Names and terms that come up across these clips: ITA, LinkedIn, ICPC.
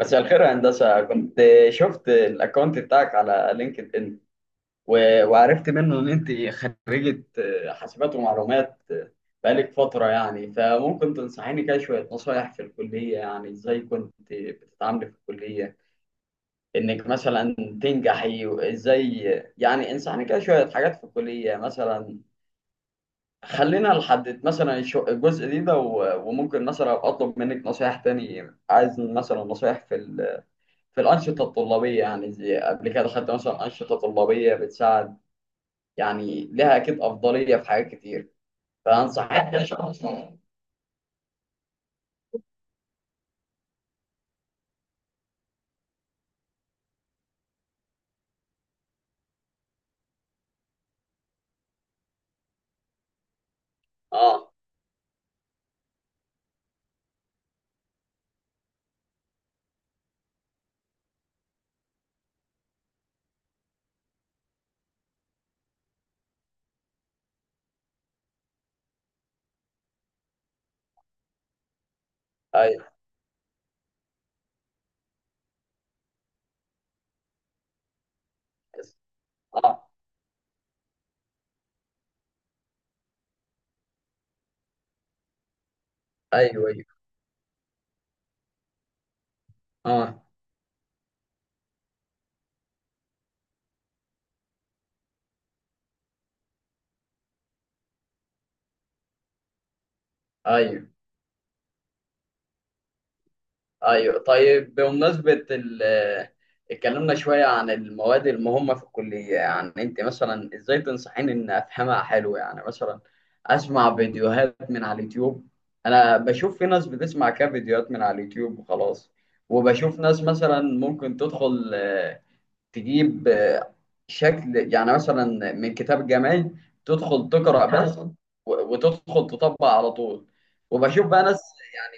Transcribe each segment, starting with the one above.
مساء الخير يا هندسة. كنت شفت الأكونت بتاعك على لينكد إن، و- وعرفت منه إن أنت خريجة، حاسبات ومعلومات، بقالك فترة يعني. فممكن تنصحيني كده شوية نصايح في الكلية؟ يعني إزاي كنت بتتعاملي في الكلية إنك مثلا تنجحي؟ وإزاي، يعني انصحني كده شوية حاجات في الكلية، مثلا خلينا نحدد مثلا الجزء ده، و- وممكن مثلا أطلب منك نصايح تاني. عايز مثلا نصايح في في الأنشطة الطلابية، يعني زي قبل كده خدت مثلا أنشطة طلابية بتساعد، يعني لها أكيد أفضلية في حاجات كتير، فأنصح أي شخص. آه. أيوه. آه. أيوه، أيوه. آه. أيوه، ايوه. طيب بمناسبة اتكلمنا شوية عن المواد المهمة في الكلية. يعني انت مثلا ازاي تنصحيني ان افهمها حلو؟ يعني مثلا اسمع فيديوهات من على اليوتيوب. انا بشوف في ناس بتسمع كام فيديوهات من على اليوتيوب وخلاص، وبشوف ناس مثلا ممكن تدخل، تجيب، شكل يعني مثلا من كتاب جامعي، تدخل تقرأ بس و- وتدخل تطبق على طول. وبشوف بقى ناس يعني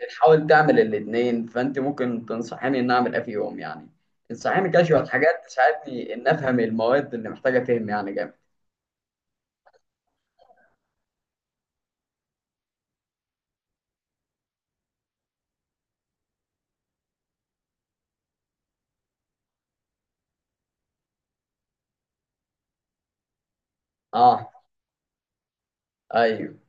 بتحاول تعمل الاتنين. فانت ممكن تنصحيني ان اعمل ايه في يوم يعني؟ تنصحيني كده شويه حاجات تساعدني ان افهم المواد اللي محتاجه فهم يعني جامد. اه، ايوه،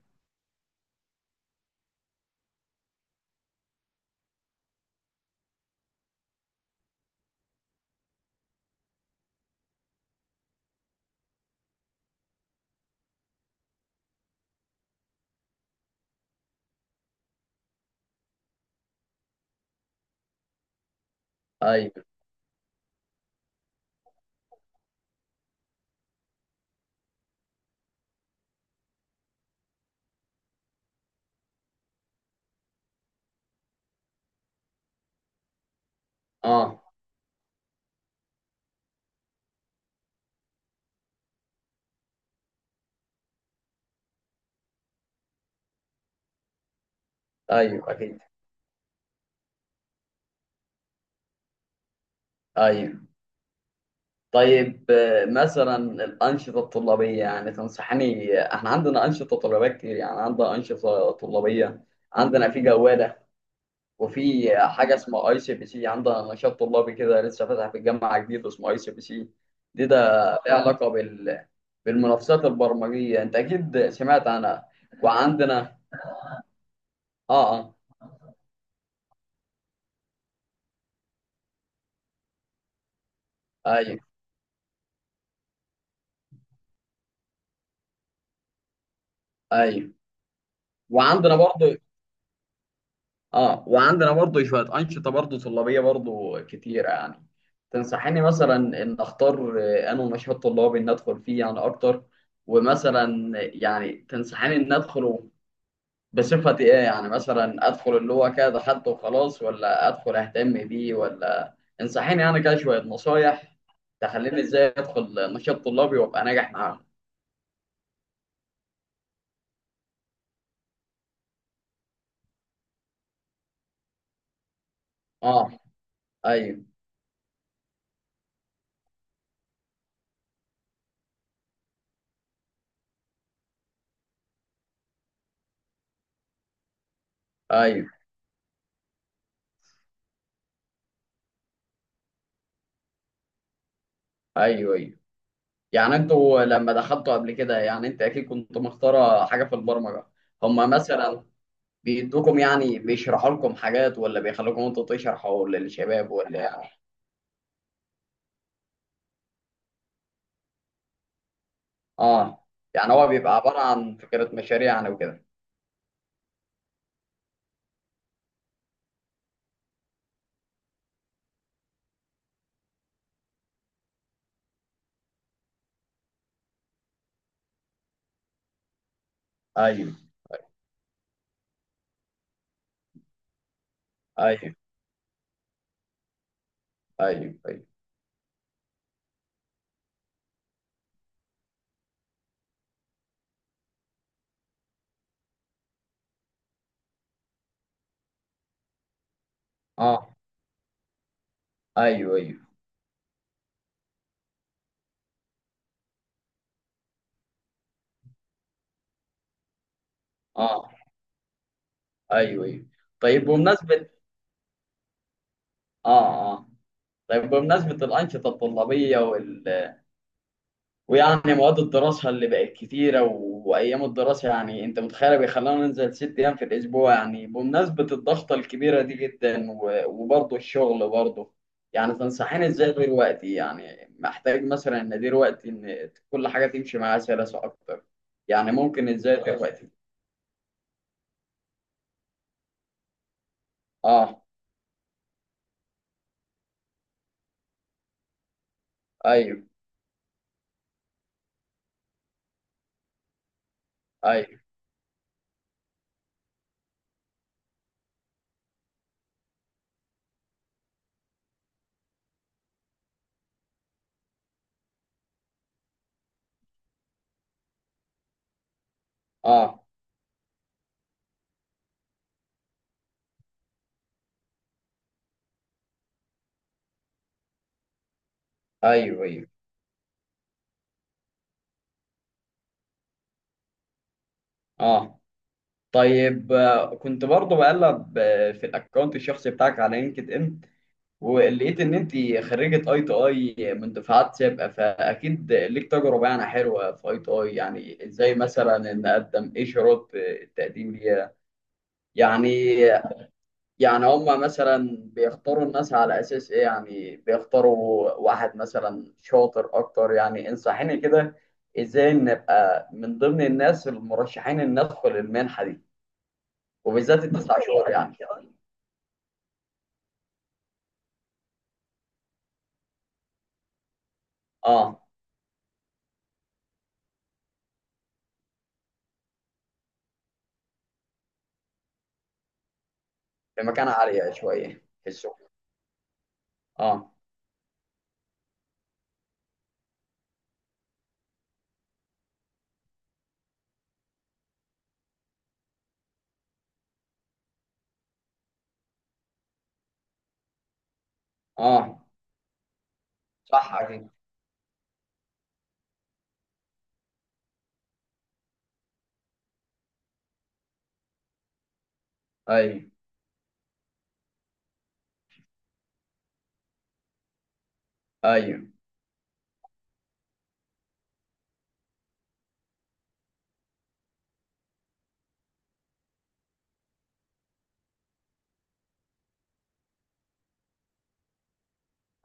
ايوه. اه، ايوه، اكيد، ايوه. طيب، مثلا الانشطه الطلابيه، يعني تنصحني. احنا عندنا انشطه طلابيه كتير، يعني عندنا انشطه طلابيه. عندنا في جواله، وفي حاجة اسمها ICPC. عندنا نشاط طلابي كده لسه فاتح في الجامعة جديد اسمه ICPC. ده ليه علاقة بال بالمنافسات البرمجية. انت اكيد سمعت عنها. وعندنا، اه، اه، ايوه، ايوه. وعندنا برضو، اه، وعندنا برضو شوية أنشطة برضو طلابية برضو كتيرة يعني. تنصحيني مثلا ان اختار انه نشاط طلابي ان ادخل فيه يعني اكتر. ومثلا، يعني تنصحيني ان ادخل بصفة ايه؟ يعني مثلا ادخل اللي هو كده دخلته وخلاص، ولا ادخل اهتم بيه، ولا انصحيني يعني كده شوية نصايح تخليني ازاي ادخل نشاط طلابي وابقى ناجح معاهم. اه، ايوه، ايوه. ايوه، ايوه. يعني انتوا لما دخلتوا قبل كده، يعني انت اكيد كنت مختارة حاجة في البرمجة. هما مثلا بيدوكم يعني بيشرحوا لكم حاجات، ولا بيخلوكم انتوا تشرحوا للشباب ولا يعني؟ اه. يعني هو بيبقى عبارة عن فكرة مشاريع يعني وكده؟ ايوه، ايوه. ايوه، ايوه. اه، ايوه، ايوه. اه، ايوه، ايوه. طيب بمناسبة، اه اه طيب بمناسبة الأنشطة الطلابية وال... ويعني مواد الدراسة اللي بقت كتيرة و وأيام الدراسة. يعني أنت متخيل بيخلونا ننزل 6 أيام في الأسبوع. يعني بمناسبة الضغطة الكبيرة دي جدا و وبرضه الشغل برضه، يعني تنصحيني إزاي أدير وقتي؟ يعني محتاج مثلا إن أدير وقتي إن كل حاجة تمشي معايا سلاسة أكتر. يعني ممكن إزاي أدير وقتي؟ اه، ايوه، ايوه. اه، ايوه، ايوه. اه، طيب. كنت برضه بقلب في الاكونت الشخصي بتاعك على لينكد ان، ولقيت ان انت خريجه ITI من دفعات سابقه. فاكيد ليك تجربه يعني حلوه في ITI. يعني ازاي مثلا ان اقدم؟ ايه شروط التقديم ليها يعني؟ يعني هم مثلا بيختاروا الناس على اساس ايه؟ يعني بيختاروا واحد مثلا شاطر اكتر؟ يعني انصحيني كده ازاي نبقى من ضمن الناس المرشحين ان ندخل المنحه دي، وبالذات التسع شهور يعني. اه، في مكانة عالية شوية، في السوق. اه، اه، صح، اكيد. ايوه، ايوه،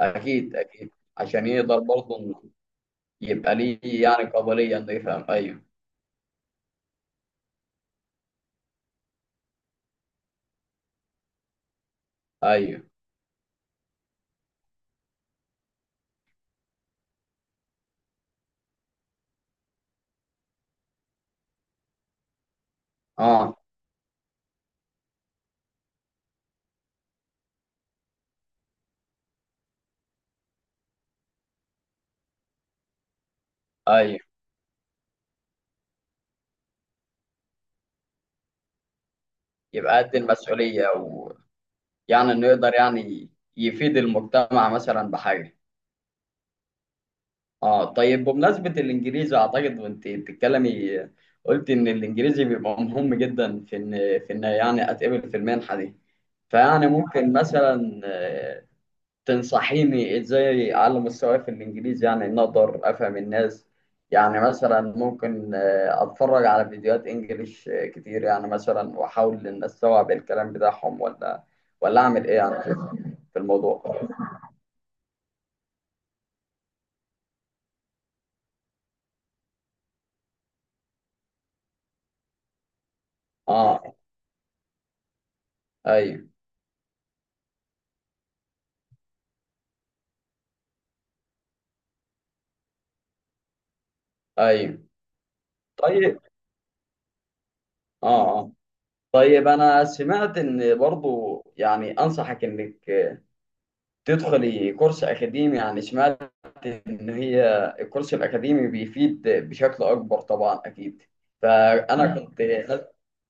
اكيد، اكيد، عشان يقدر برضه إنه يبقى ليه يعني قابلية انه يفهم. ايوه. ايوه، اه، ايوه. يبقى قد المسؤولية، ويعني انه يقدر يعني يفيد المجتمع مثلا بحاجة. اه، طيب بمناسبة الانجليزي، اعتقد وانت بتتكلمي قلت ان الانجليزي بيبقى مهم جدا في ان، يعني اتقبل في المنحة دي. فيعني ممكن مثلا، تنصحيني ازاي اعلي مستواي في الانجليزي؟ يعني ان اقدر افهم الناس. يعني مثلا ممكن اتفرج على فيديوهات انجليش كتير يعني. مثلا واحاول ان استوعب الكلام بتاعهم، ولا اعمل ايه يعني في في الموضوع؟ اه، ايوه، ايوه. طيب، اه اه طيب انا سمعت ان برضو يعني انصحك انك تدخلي كورس اكاديمي. يعني سمعت ان هي الكورس الاكاديمي بيفيد بشكل اكبر طبعا اكيد. فانا نعم كنت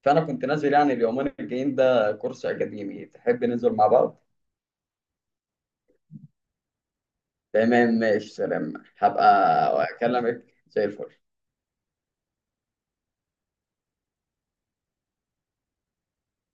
فانا كنت نازل يعني اليومين الجايين ده كورس اكاديمي، تحب ننزل مع بعض؟ تمام، ماشي، سلام. هبقى اكلمك، زي الفل.